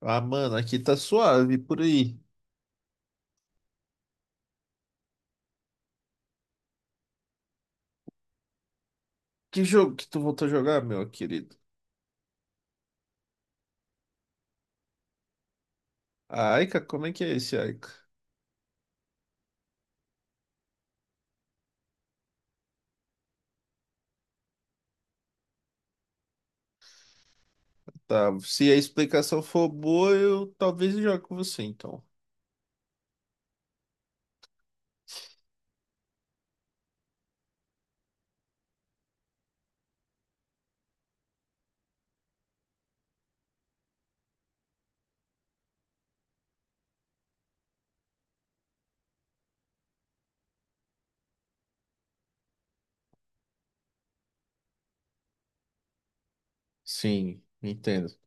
Ah, mano, aqui tá suave por aí. Que jogo que tu voltou a jogar, meu querido? A Aika, como é que é esse Aika? Tá, se a explicação for boa, eu talvez jogue com você, então. Sim, entendo.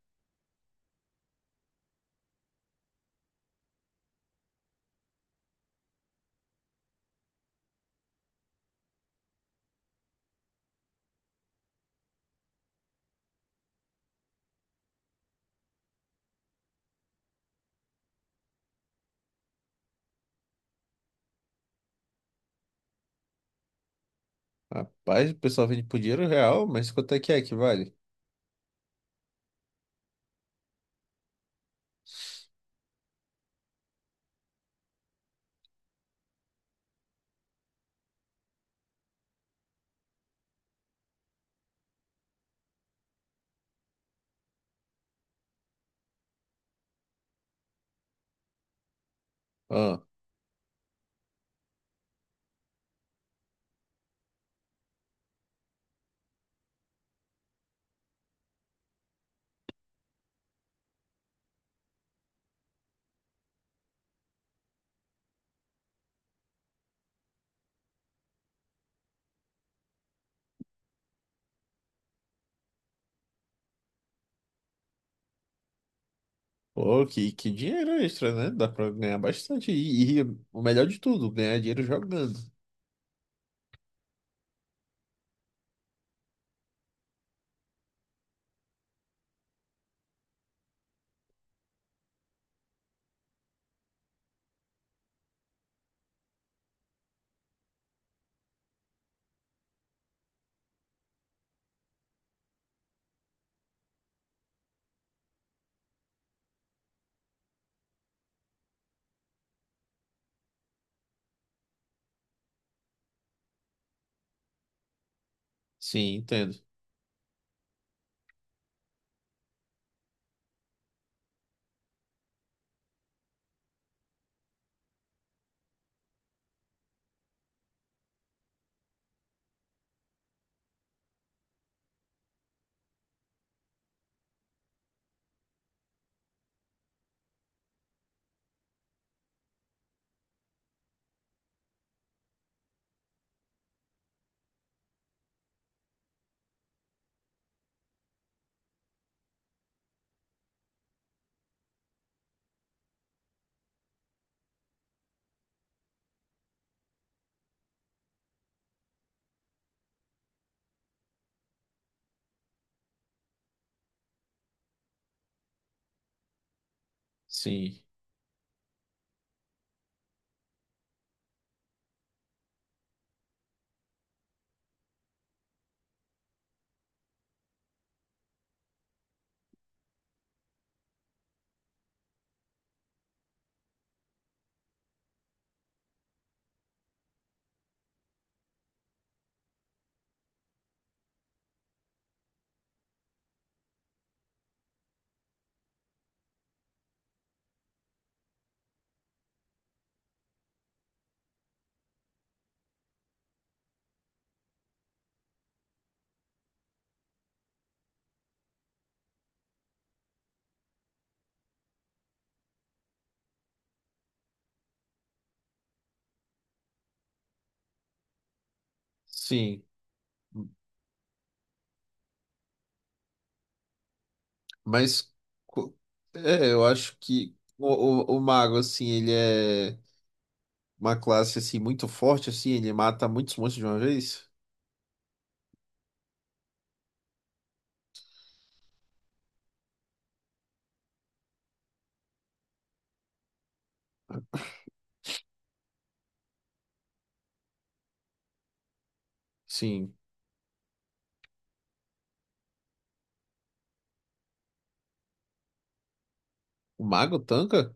Rapaz, o pessoal vende por dinheiro real, mas quanto é que vale? Ah, pô, que dinheiro extra, né? Dá pra ganhar bastante. E o melhor de tudo, ganhar dinheiro jogando. Sim, entendo. Sim, sim. Mas co- é, eu acho que o mago, assim, ele é uma classe, assim, muito forte, assim, ele mata muitos monstros de uma vez. Sim. O mago tanca?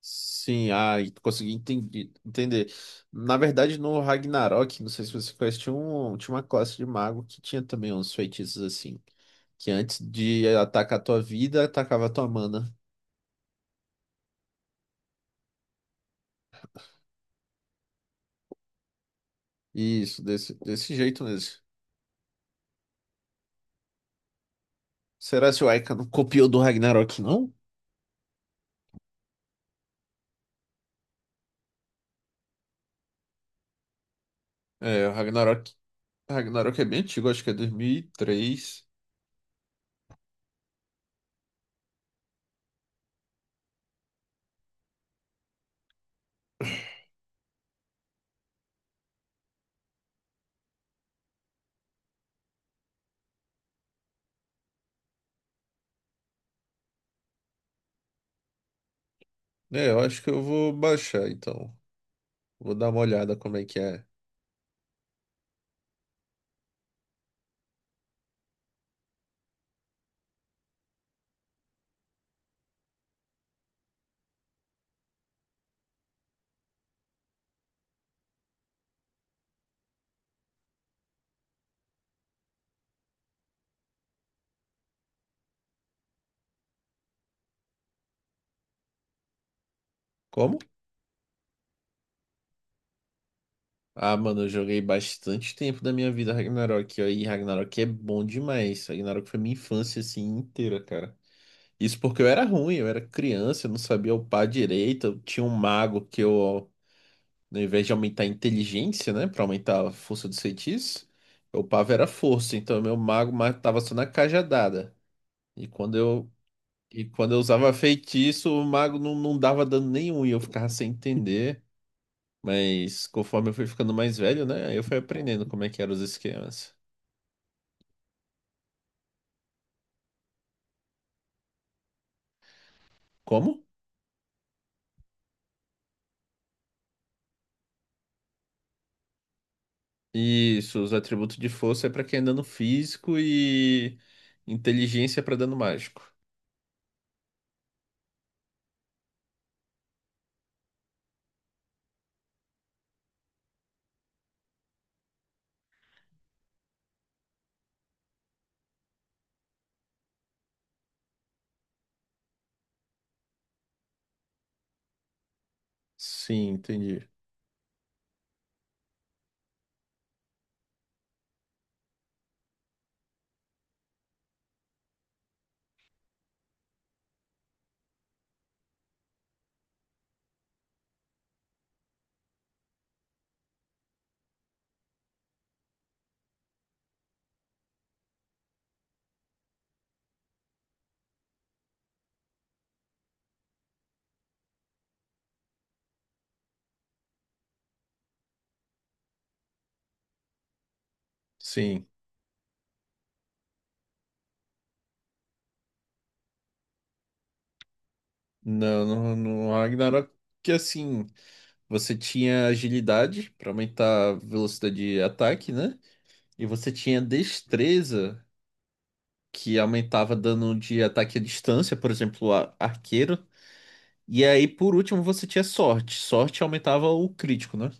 Sim, ah, e entender. Na verdade, no Ragnarok, não sei se você conhece, tinha, um, tinha uma classe de mago que tinha também uns feitiços assim, que antes de atacar a tua vida, atacava a tua mana. Isso, desse jeito mesmo. Será que o Aika não copiou do Ragnarok, não? É, o Ragnarok. Ragnarok é bem antigo, acho que é 2003. É, eu acho que eu vou baixar, então. Vou dar uma olhada como é que é. Como? Ah, mano, eu joguei bastante tempo da minha vida Ragnarok, ó, e Ragnarok é bom demais. Ragnarok foi minha infância, assim, inteira, cara. Isso porque eu era ruim, eu era criança, eu não sabia upar direito, eu tinha um mago que eu, ao invés de aumentar a inteligência, né, pra aumentar a força dos feitiços, eu upava era força, então meu mago matava só na cajadada. E quando eu E quando eu usava feitiço, o mago não dava dano nenhum e eu ficava sem entender. Mas conforme eu fui ficando mais velho, né? aí Eu fui aprendendo como é que eram os esquemas. Como? Isso, os atributos de força é pra quem é dano físico e inteligência é pra dano mágico. Sim, entendi. Sim. Não, no, no Ragnarok, que assim, você tinha agilidade pra aumentar a velocidade de ataque, né? E você tinha destreza que aumentava dano de ataque à distância, por exemplo, arqueiro. E aí, por último, você tinha sorte. Sorte aumentava o crítico, né?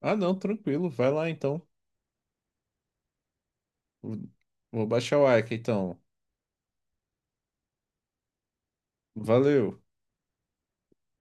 Ah, não, tranquilo, vai lá então. Vou Vou baixar o Arca então. Valeu.